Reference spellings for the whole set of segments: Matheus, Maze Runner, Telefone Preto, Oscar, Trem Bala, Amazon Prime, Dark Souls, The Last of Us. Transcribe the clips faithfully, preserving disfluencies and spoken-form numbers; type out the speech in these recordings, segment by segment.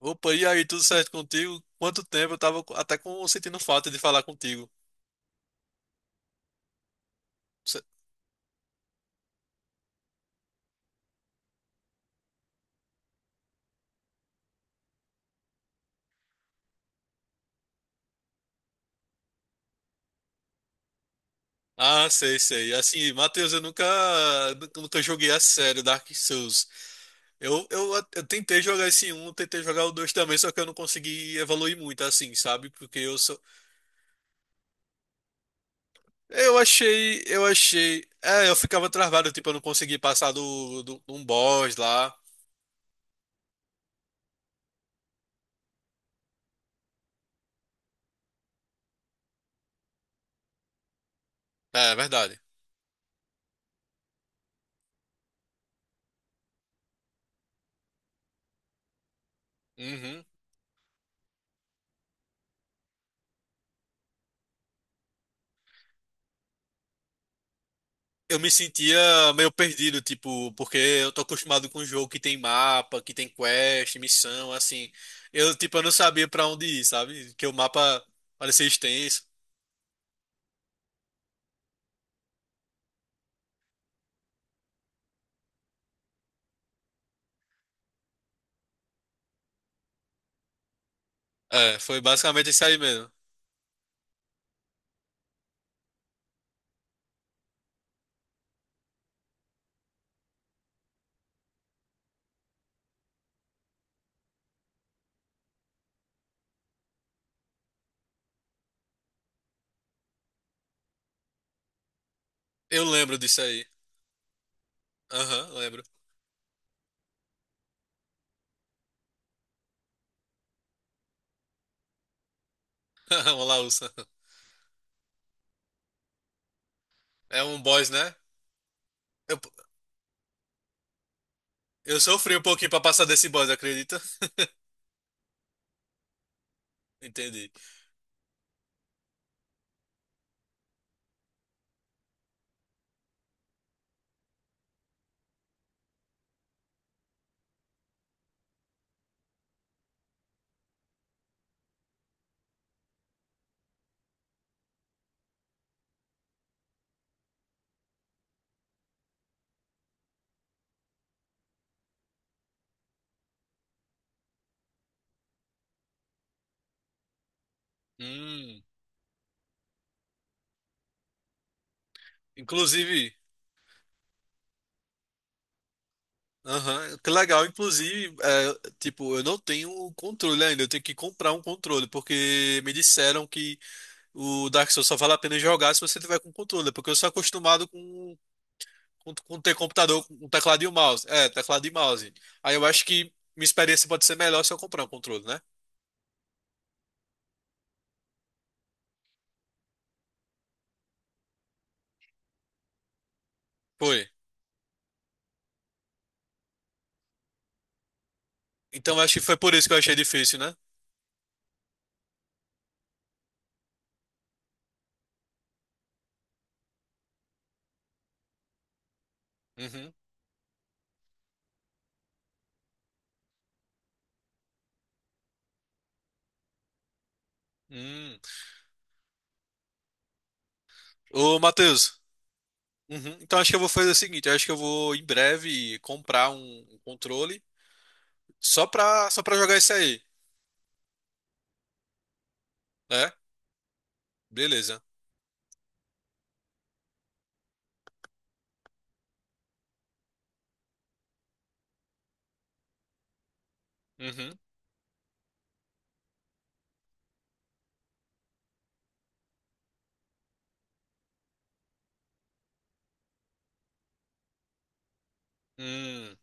Opa, e aí, tudo certo contigo? Quanto tempo, eu tava até com, sentindo falta de falar contigo. Se- Ah, sei, sei. Assim, Matheus, eu nunca, nunca, nunca joguei a sério Dark Souls. Eu, eu, eu tentei jogar esse um, tentei jogar o dois também, só que eu não consegui evoluir muito, assim, sabe? Porque eu sou. Eu achei, eu achei. É, eu ficava travado, tipo, eu não consegui passar do, do, de um boss lá. É, é verdade. Uhum. Eu me sentia meio perdido, tipo, porque eu tô acostumado com um jogo que tem mapa, que tem quest, missão, assim. Eu, tipo, eu não sabia pra onde ir, sabe? Que o mapa parecia extenso. É, foi basicamente isso aí mesmo. Eu lembro disso aí. Aham, lembro. Uma laúça. É um boss, né? Eu, eu sofri um pouquinho pra passar desse boss, acredita? Entendi. Hum, inclusive. Aham, que legal. Inclusive, é, tipo, eu não tenho o controle ainda. Eu tenho que comprar um controle, porque me disseram que o Dark Souls só vale a pena jogar se você tiver com controle, porque eu sou acostumado com, com, com ter computador com teclado e um mouse. É, teclado e mouse. Aí eu acho que minha experiência pode ser melhor se eu comprar um controle, né? Foi. Então acho que foi por isso que eu achei difícil, né? Uhum. Hum. Ô, Matheus. Uhum. Então acho que eu vou fazer o seguinte, eu acho que eu vou em breve comprar um um controle só pra, só pra jogar isso aí. É? Beleza. Uhum. Hum.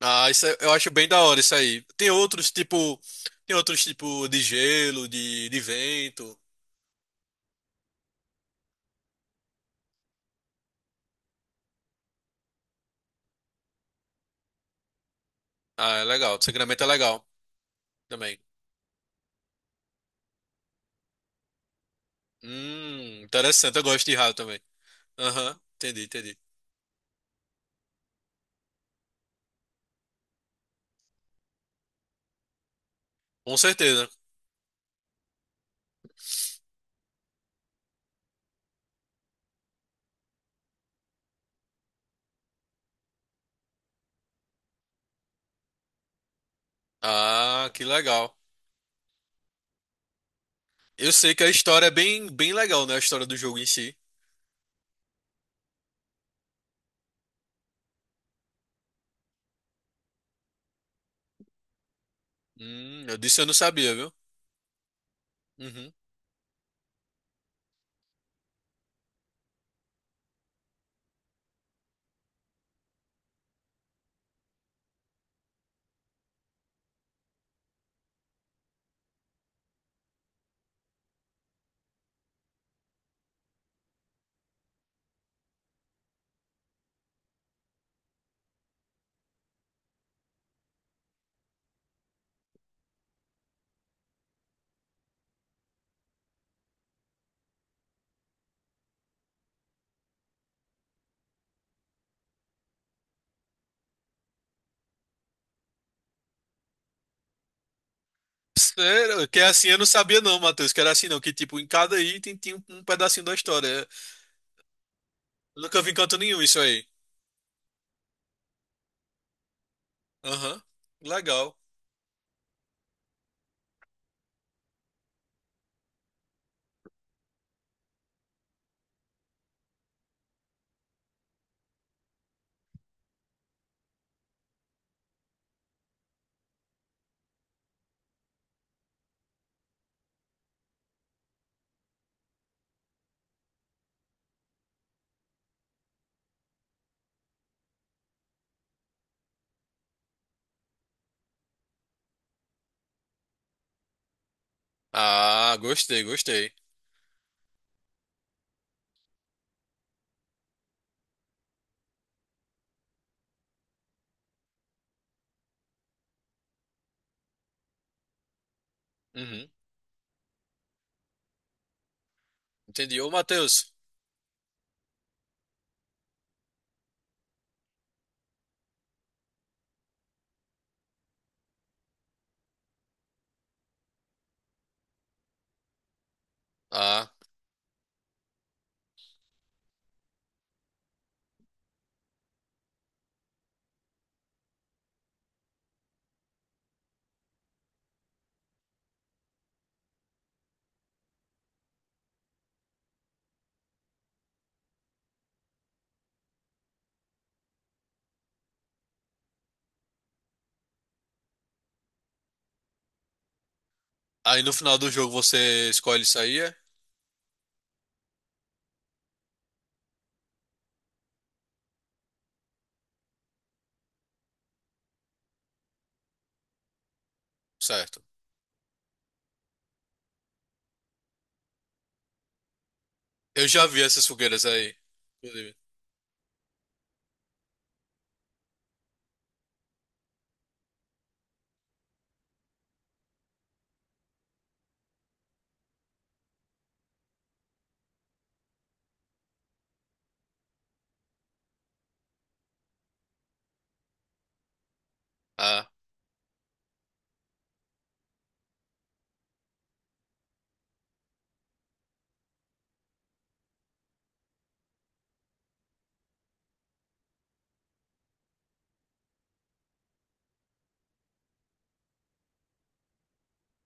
Ah, isso é- eu acho bem da hora isso aí. Tem outros tipo, tem outros tipo de gelo, de, de vento. Ah, é legal. Sangramento é legal também. Hum, interessante. Eu gosto de raio também. Aham, entendi, entendi. Com certeza. Ah, que legal. Eu sei que a história é bem, bem legal, né? A história do jogo em si. Hum, eu disse eu não sabia, viu? Uhum. Sério? Que é assim eu não sabia não, Matheus. Que era assim não. Que tipo, em cada item tinha um um pedacinho da história. Nunca vi em canto nenhum isso aí. Aham. Legal. Ah, gostei, gostei. Uhum. Entendi. Ô, Matheus. Ah, aí no final do jogo você escolhe isso aí, é? Certo. Eu já vi essas fogueiras aí, inclusive. Ah,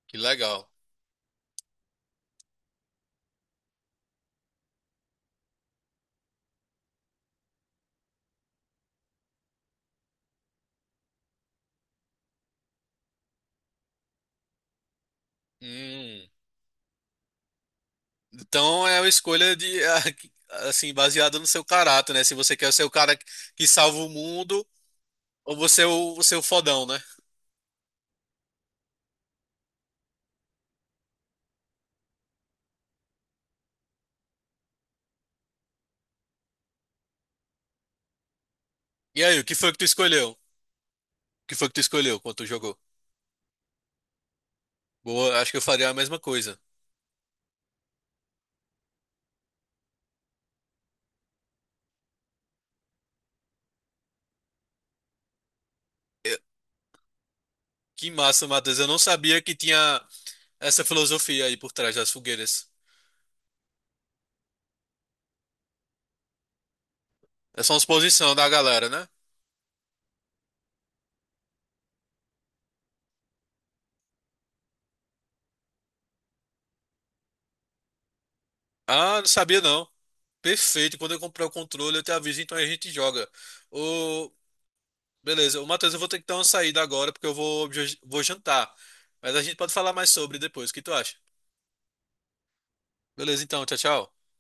que legal. Hum. Então é uma escolha de, assim, baseada no seu caráter, né? Se você quer ser o cara que salva o mundo ou você é o, você é o fodão, né? E aí, o que foi que tu escolheu? O que foi que tu escolheu quando tu jogou? Boa, acho que eu faria a mesma coisa. Que massa, Matheus. Eu não sabia que tinha essa filosofia aí por trás das fogueiras. É só uma exposição da galera, né? Ah, não sabia não. Perfeito. Quando eu comprar o controle, eu te aviso, então a gente joga. Ô, beleza. Ô, Matheus, eu vou ter que dar uma saída agora, porque eu vou, vou jantar. Mas a gente pode falar mais sobre depois. O que tu acha? Beleza, então. Tchau, tchau.